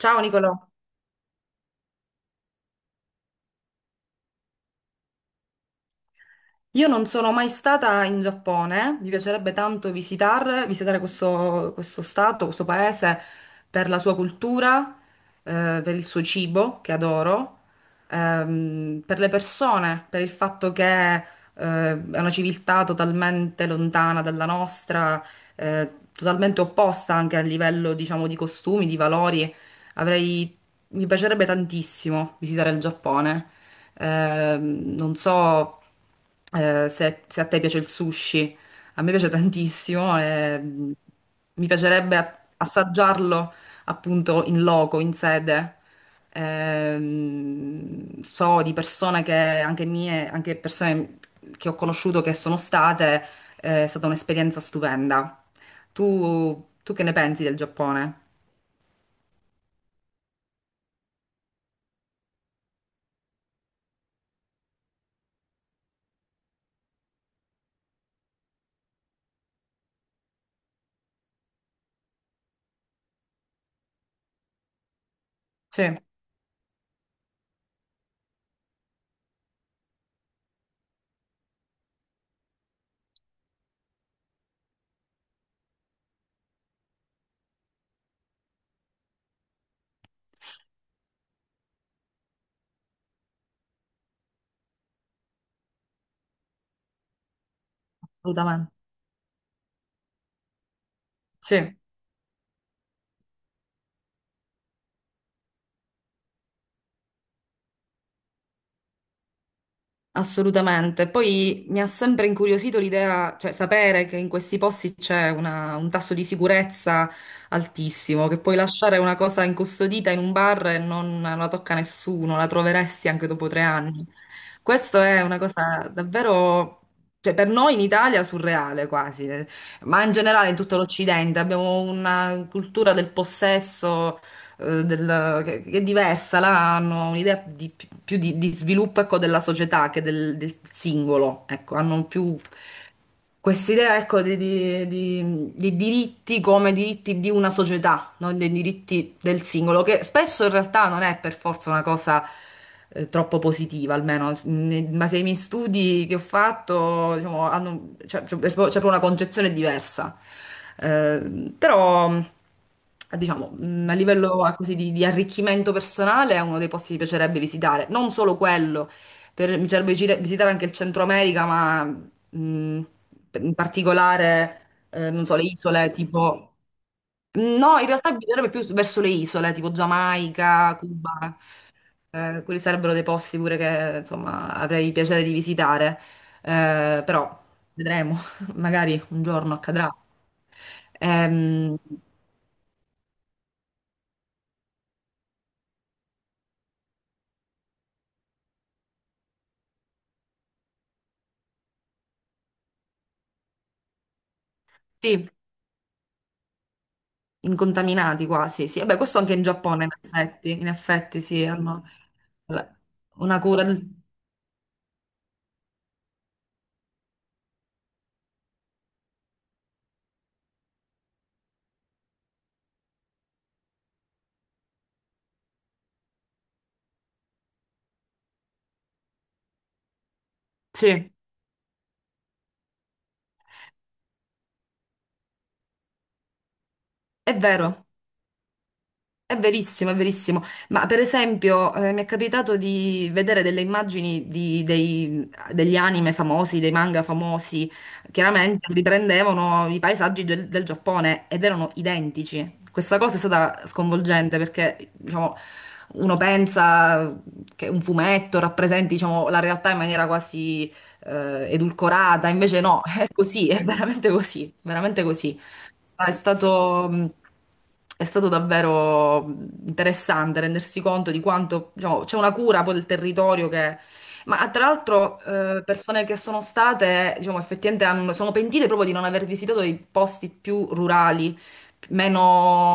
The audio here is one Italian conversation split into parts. Ciao Nicolò, io non sono mai stata in Giappone, mi piacerebbe tanto visitare questo stato, questo paese per la sua cultura, per il suo cibo che adoro, per le persone, per il fatto che, è una civiltà totalmente lontana dalla nostra, totalmente opposta anche a livello, diciamo, di costumi, di valori. Avrei, mi piacerebbe tantissimo visitare il Giappone. Non so se, se a te piace il sushi, a me piace tantissimo e mi piacerebbe assaggiarlo appunto in loco, in sede. So di persone che, anche mie, anche persone che ho conosciuto che sono state, è stata un'esperienza stupenda. Tu che ne pensi del Giappone? Sì, assolutamente. Sì. Assolutamente. Poi mi ha sempre incuriosito l'idea, cioè sapere che in questi posti c'è un tasso di sicurezza altissimo, che puoi lasciare una cosa incustodita in un bar e non la tocca nessuno, la troveresti anche dopo 3 anni. Questo è una cosa davvero, cioè per noi in Italia surreale quasi, ma in generale in tutto l'Occidente abbiamo una cultura del possesso che è diversa, là hanno un'idea più di sviluppo, ecco, della società che del, del singolo, ecco, hanno più quest'idea, ecco, di diritti come diritti di una società, non dei diritti del singolo, che spesso in realtà non è per forza una cosa troppo positiva, almeno, ma se i miei studi che ho fatto, diciamo, hanno, cioè, c'è proprio una concezione diversa. Però, diciamo, a livello così, di arricchimento personale è uno dei posti che mi piacerebbe visitare, non solo quello. Per- mi piacerebbe visitare anche il Centro America, ma Mm, in particolare, non so, le isole tipo... No, in realtà bisognerebbe più verso le isole, tipo Giamaica, Cuba, quelli sarebbero dei posti pure che, insomma, avrei piacere di visitare. Però vedremo, magari un giorno accadrà. Ehm, sì, incontaminati quasi, sì. Vabbè, questo anche in Giappone, in effetti sì, hanno la- una cura del... Sì, è vero. È verissimo, è verissimo. Ma per esempio, mi è capitato di vedere delle immagini degli anime famosi, dei manga famosi. Chiaramente riprendevano i paesaggi del, del Giappone ed erano identici. Questa cosa è stata sconvolgente perché, diciamo, uno pensa che un fumetto rappresenti, diciamo, la realtà in maniera quasi, edulcorata, invece no, è così, è veramente così, veramente così. È stato, è stato davvero interessante rendersi conto di quanto, diciamo, c'è una cura poi del territorio che... Ma tra l'altro persone che sono state, diciamo, sono pentite proprio di non aver visitato i posti più rurali, meno,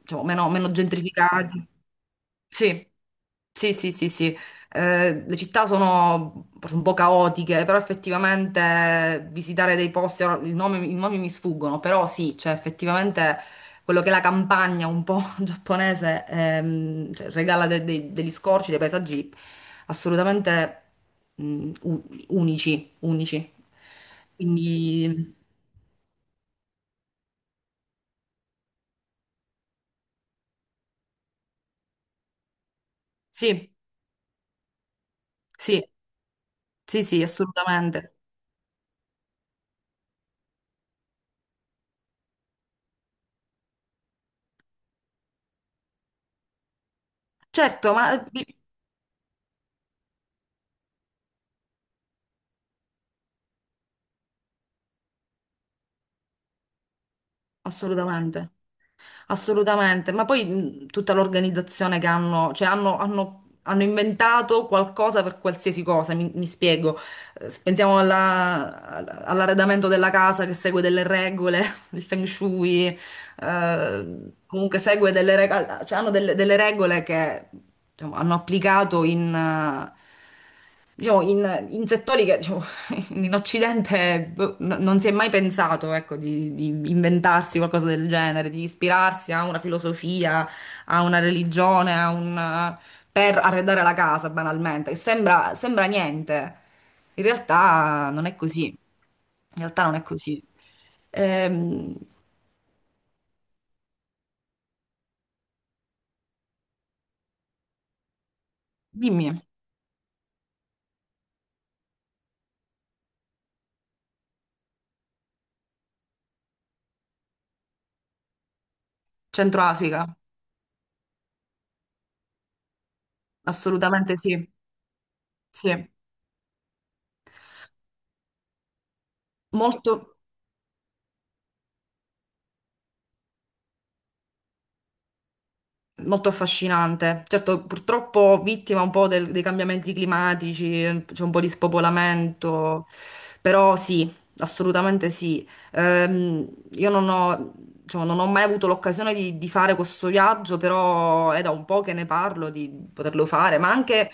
diciamo, meno gentrificati. Sì, sì, sì, sì, sì. Le città sono un po' caotiche, però effettivamente visitare dei posti, ora i nomi mi sfuggono, però sì, cioè effettivamente quello che è la campagna un po' giapponese cioè, regala degli scorci, dei paesaggi assolutamente unici, unici. Quindi sì, sì, sì, sì, assolutamente. Certo, ma assolutamente. Assolutamente, ma poi tutta l'organizzazione che hanno, cioè hanno inventato qualcosa per qualsiasi cosa, mi spiego. Se pensiamo all'arredamento della casa che segue delle regole, il feng shui, comunque segue delle regole, cioè hanno delle regole che diciamo, hanno applicato in, diciamo, in, in settori che diciamo, in Occidente boh, non si è mai pensato, ecco, di inventarsi qualcosa del genere, di ispirarsi a una filosofia, a una religione, a un, per arredare la casa, banalmente, che sembra, sembra niente. In realtà non è così. In realtà non è così. Ehm, dimmi. Centro Africa, assolutamente sì, sì, molto, molto affascinante. Certo, purtroppo vittima un po' dei cambiamenti climatici, c'è un po' di spopolamento, però sì, assolutamente sì. Io non ho, diciamo, non ho mai avuto l'occasione di fare questo viaggio, però è da un po' che ne parlo di poterlo fare, ma anche...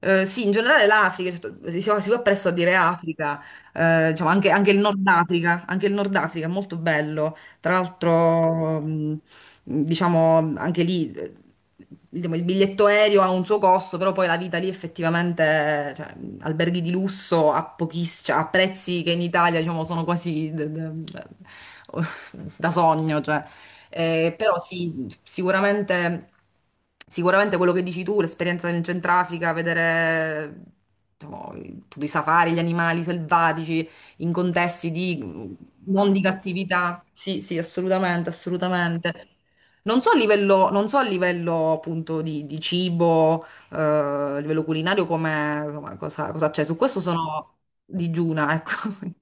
sì, in generale l'Africa, certo, si va presto a dire Africa, diciamo anche, anche il Nord Africa, anche il Nord Africa è molto bello. Tra l'altro, diciamo anche lì diciamo, il biglietto aereo ha un suo costo, però poi la vita lì effettivamente, cioè, alberghi di lusso a cioè, a prezzi che in Italia, diciamo, sono quasi da sogno, cioè. Però sì, sicuramente, sicuramente quello che dici tu, l'esperienza in Centrafrica, vedere diciamo, tutti i safari, gli animali selvatici in contesti di non di cattività. Sì, sì, assolutamente, assolutamente. Non so a livello, non so a livello appunto di cibo, a livello culinario, cosa, cosa c'è. Su questo sono digiuna, ecco.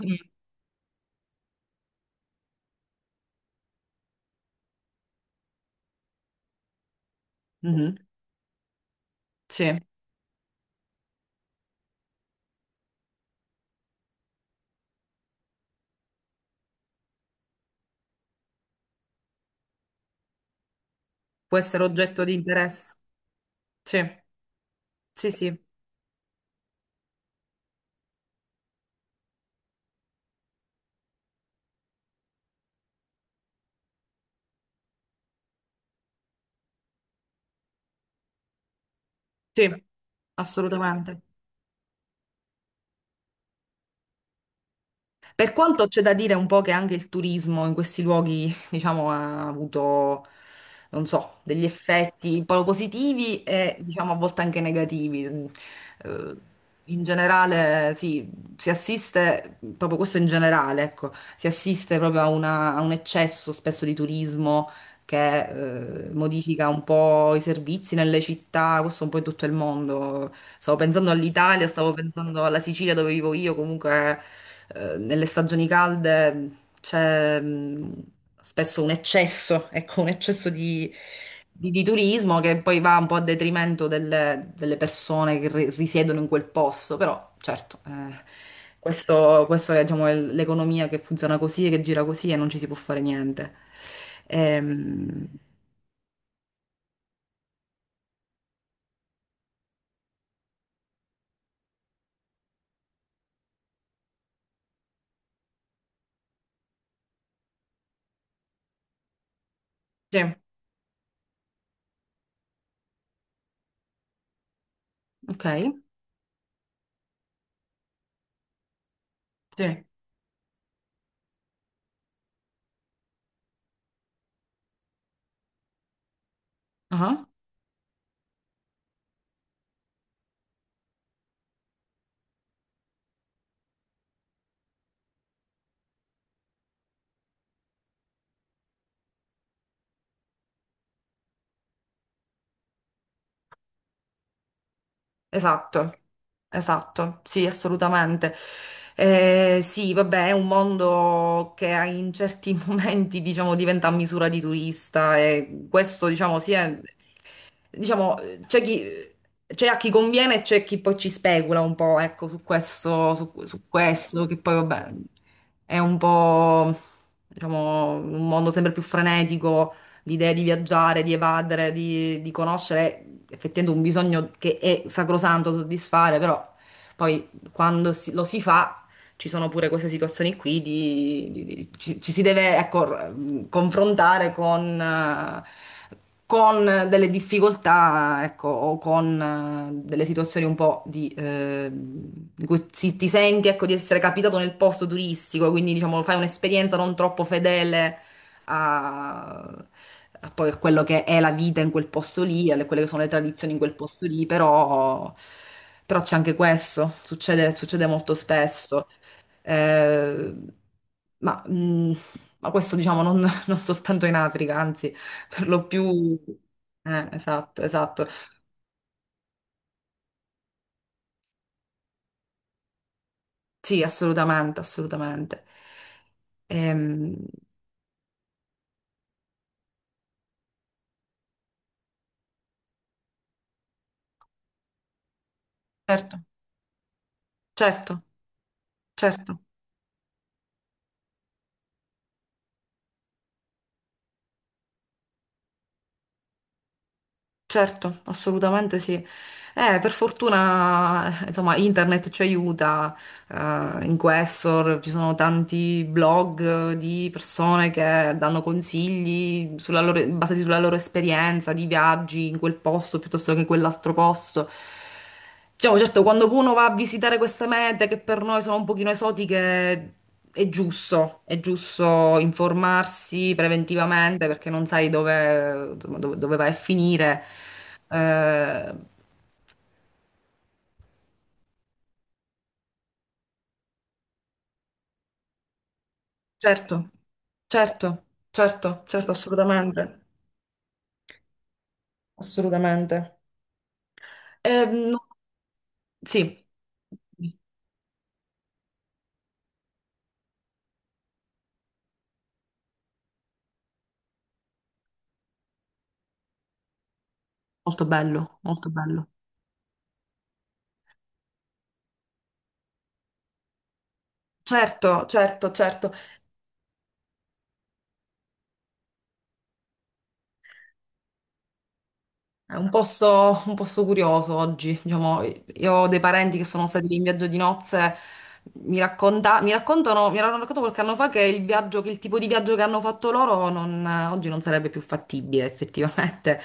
Mm. Mhm. Sì, può essere oggetto di interesse. Sì, sì, sì, sì, assolutamente. Per quanto c'è da dire un po' che anche il turismo in questi luoghi, diciamo, non so, degli effetti un po' positivi e, diciamo, a volte anche negativi. Eh, In generale, sì, si assiste, proprio questo in generale, ecco, si assiste proprio a, a un eccesso spesso di turismo che modifica un po' i servizi nelle città, questo un po' in tutto il mondo. Stavo pensando all'Italia, stavo pensando alla Sicilia dove vivo io, comunque nelle stagioni calde c'è spesso un eccesso, ecco, un eccesso di, di turismo che poi va un po' a detrimento delle, delle persone che risiedono in quel posto, però certo, questo, questo è diciamo, l'economia che funziona così, e che gira così e non ci si può fare niente. Ehm, sì, ok, sì. Ah. Esatto, esatto, sì, assolutamente. Sì, vabbè, è un mondo che in certi momenti, diciamo, diventa a misura di turista e questo, diciamo, sì, è- diciamo, c'è chi... C'è a chi conviene e c'è chi poi ci specula un po', ecco, su questo, su, su questo, che poi vabbè è un po', diciamo, un mondo sempre più frenetico, l'idea di viaggiare, di evadere, di conoscere, è effettivamente un bisogno che è sacrosanto soddisfare, però poi quando lo si fa ci sono pure queste situazioni qui di, ci, ci si deve, ecco, confrontare con delle difficoltà, ecco, o con delle situazioni un po' di cui ti senti, ecco, di essere capitato nel posto turistico, quindi diciamo fai un'esperienza non troppo fedele a, a poi a quello che è la vita in quel posto lì, alle quelle che sono le tradizioni in quel posto lì, però, però c'è anche questo, succede, succede molto spesso. Eh, ma, mh, ma questo diciamo non, non soltanto in Africa, anzi, per lo più... esatto, esatto. Sì, assolutamente, assolutamente. Ehm, certo, certo, certo, certo, assolutamente sì. Per fortuna, insomma, internet ci aiuta in Questor, ci sono tanti blog di persone che danno consigli basati sulla loro esperienza di viaggi in quel posto piuttosto che in quell'altro posto. Diciamo, certo, quando uno va a visitare queste mete che per noi sono un pochino esotiche, è giusto informarsi preventivamente perché non sai dove, dove, dove vai a finire. Eh, Certo, certo, certo, certo, assolutamente, assolutamente. No, sì, molto bello, molto bello. Certo, certo, certo. È un posto curioso oggi, diciamo, io ho dei parenti che sono stati lì in viaggio di nozze, mi raccontano, mi hanno raccontato qualche anno fa che il viaggio, che il tipo di viaggio che hanno fatto loro oggi non sarebbe più fattibile effettivamente.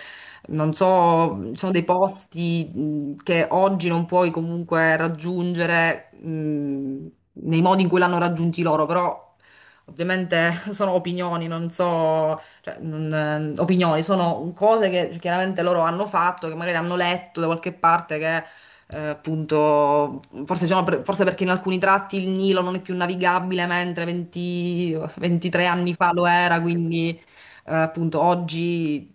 Non so, ci sono dei posti che oggi non puoi comunque raggiungere nei modi in cui l'hanno raggiunti loro, però ovviamente sono opinioni, non so cioè, opinioni, sono cose che chiaramente loro hanno fatto, che magari hanno letto da qualche parte che appunto, forse, diciamo, forse perché in alcuni tratti il Nilo non è più navigabile, mentre 20 23 anni fa lo era, quindi appunto oggi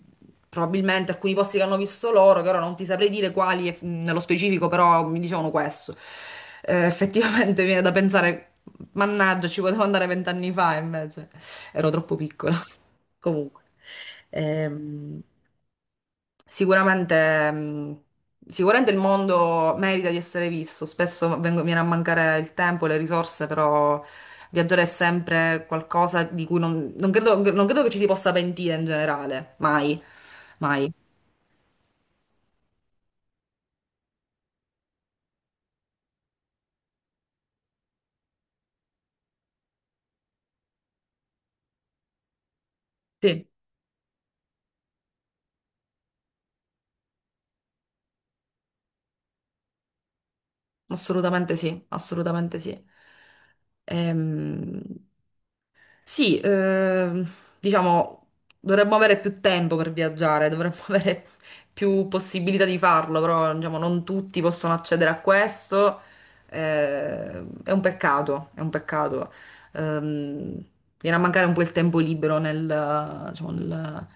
probabilmente alcuni posti che hanno visto loro, che ora non ti saprei dire quali nello specifico, però mi dicevano questo. Effettivamente viene da pensare, mannaggia, ci potevo andare 20 anni fa, invece ero troppo piccola. Comunque, ehm, sicuramente, sicuramente il mondo merita di essere visto. Spesso viene a mancare il tempo, le risorse, però viaggiare è sempre qualcosa di cui non, non credo, non credo che ci si possa pentire in generale, mai. Mai. Sì, assolutamente sì, assolutamente sì. Ehm, Sì, ehm, diciamo, dovremmo avere più tempo per viaggiare, dovremmo avere più possibilità di farlo, però diciamo, non tutti possono accedere a questo. eh, è un peccato, è un peccato. Ehm, viene a mancare un po' il tempo libero nel, diciamo,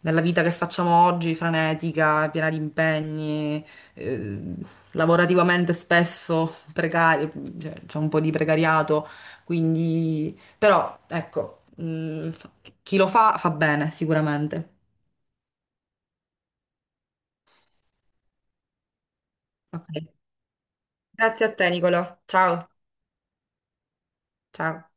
nella vita che facciamo oggi, frenetica, piena di impegni, eh, lavorativamente spesso precaria, cioè, c'è un po' di precariato, quindi... Però, ecco, chi lo fa fa bene, sicuramente. Ok. Grazie a te, Nicolò. Ciao. Ciao.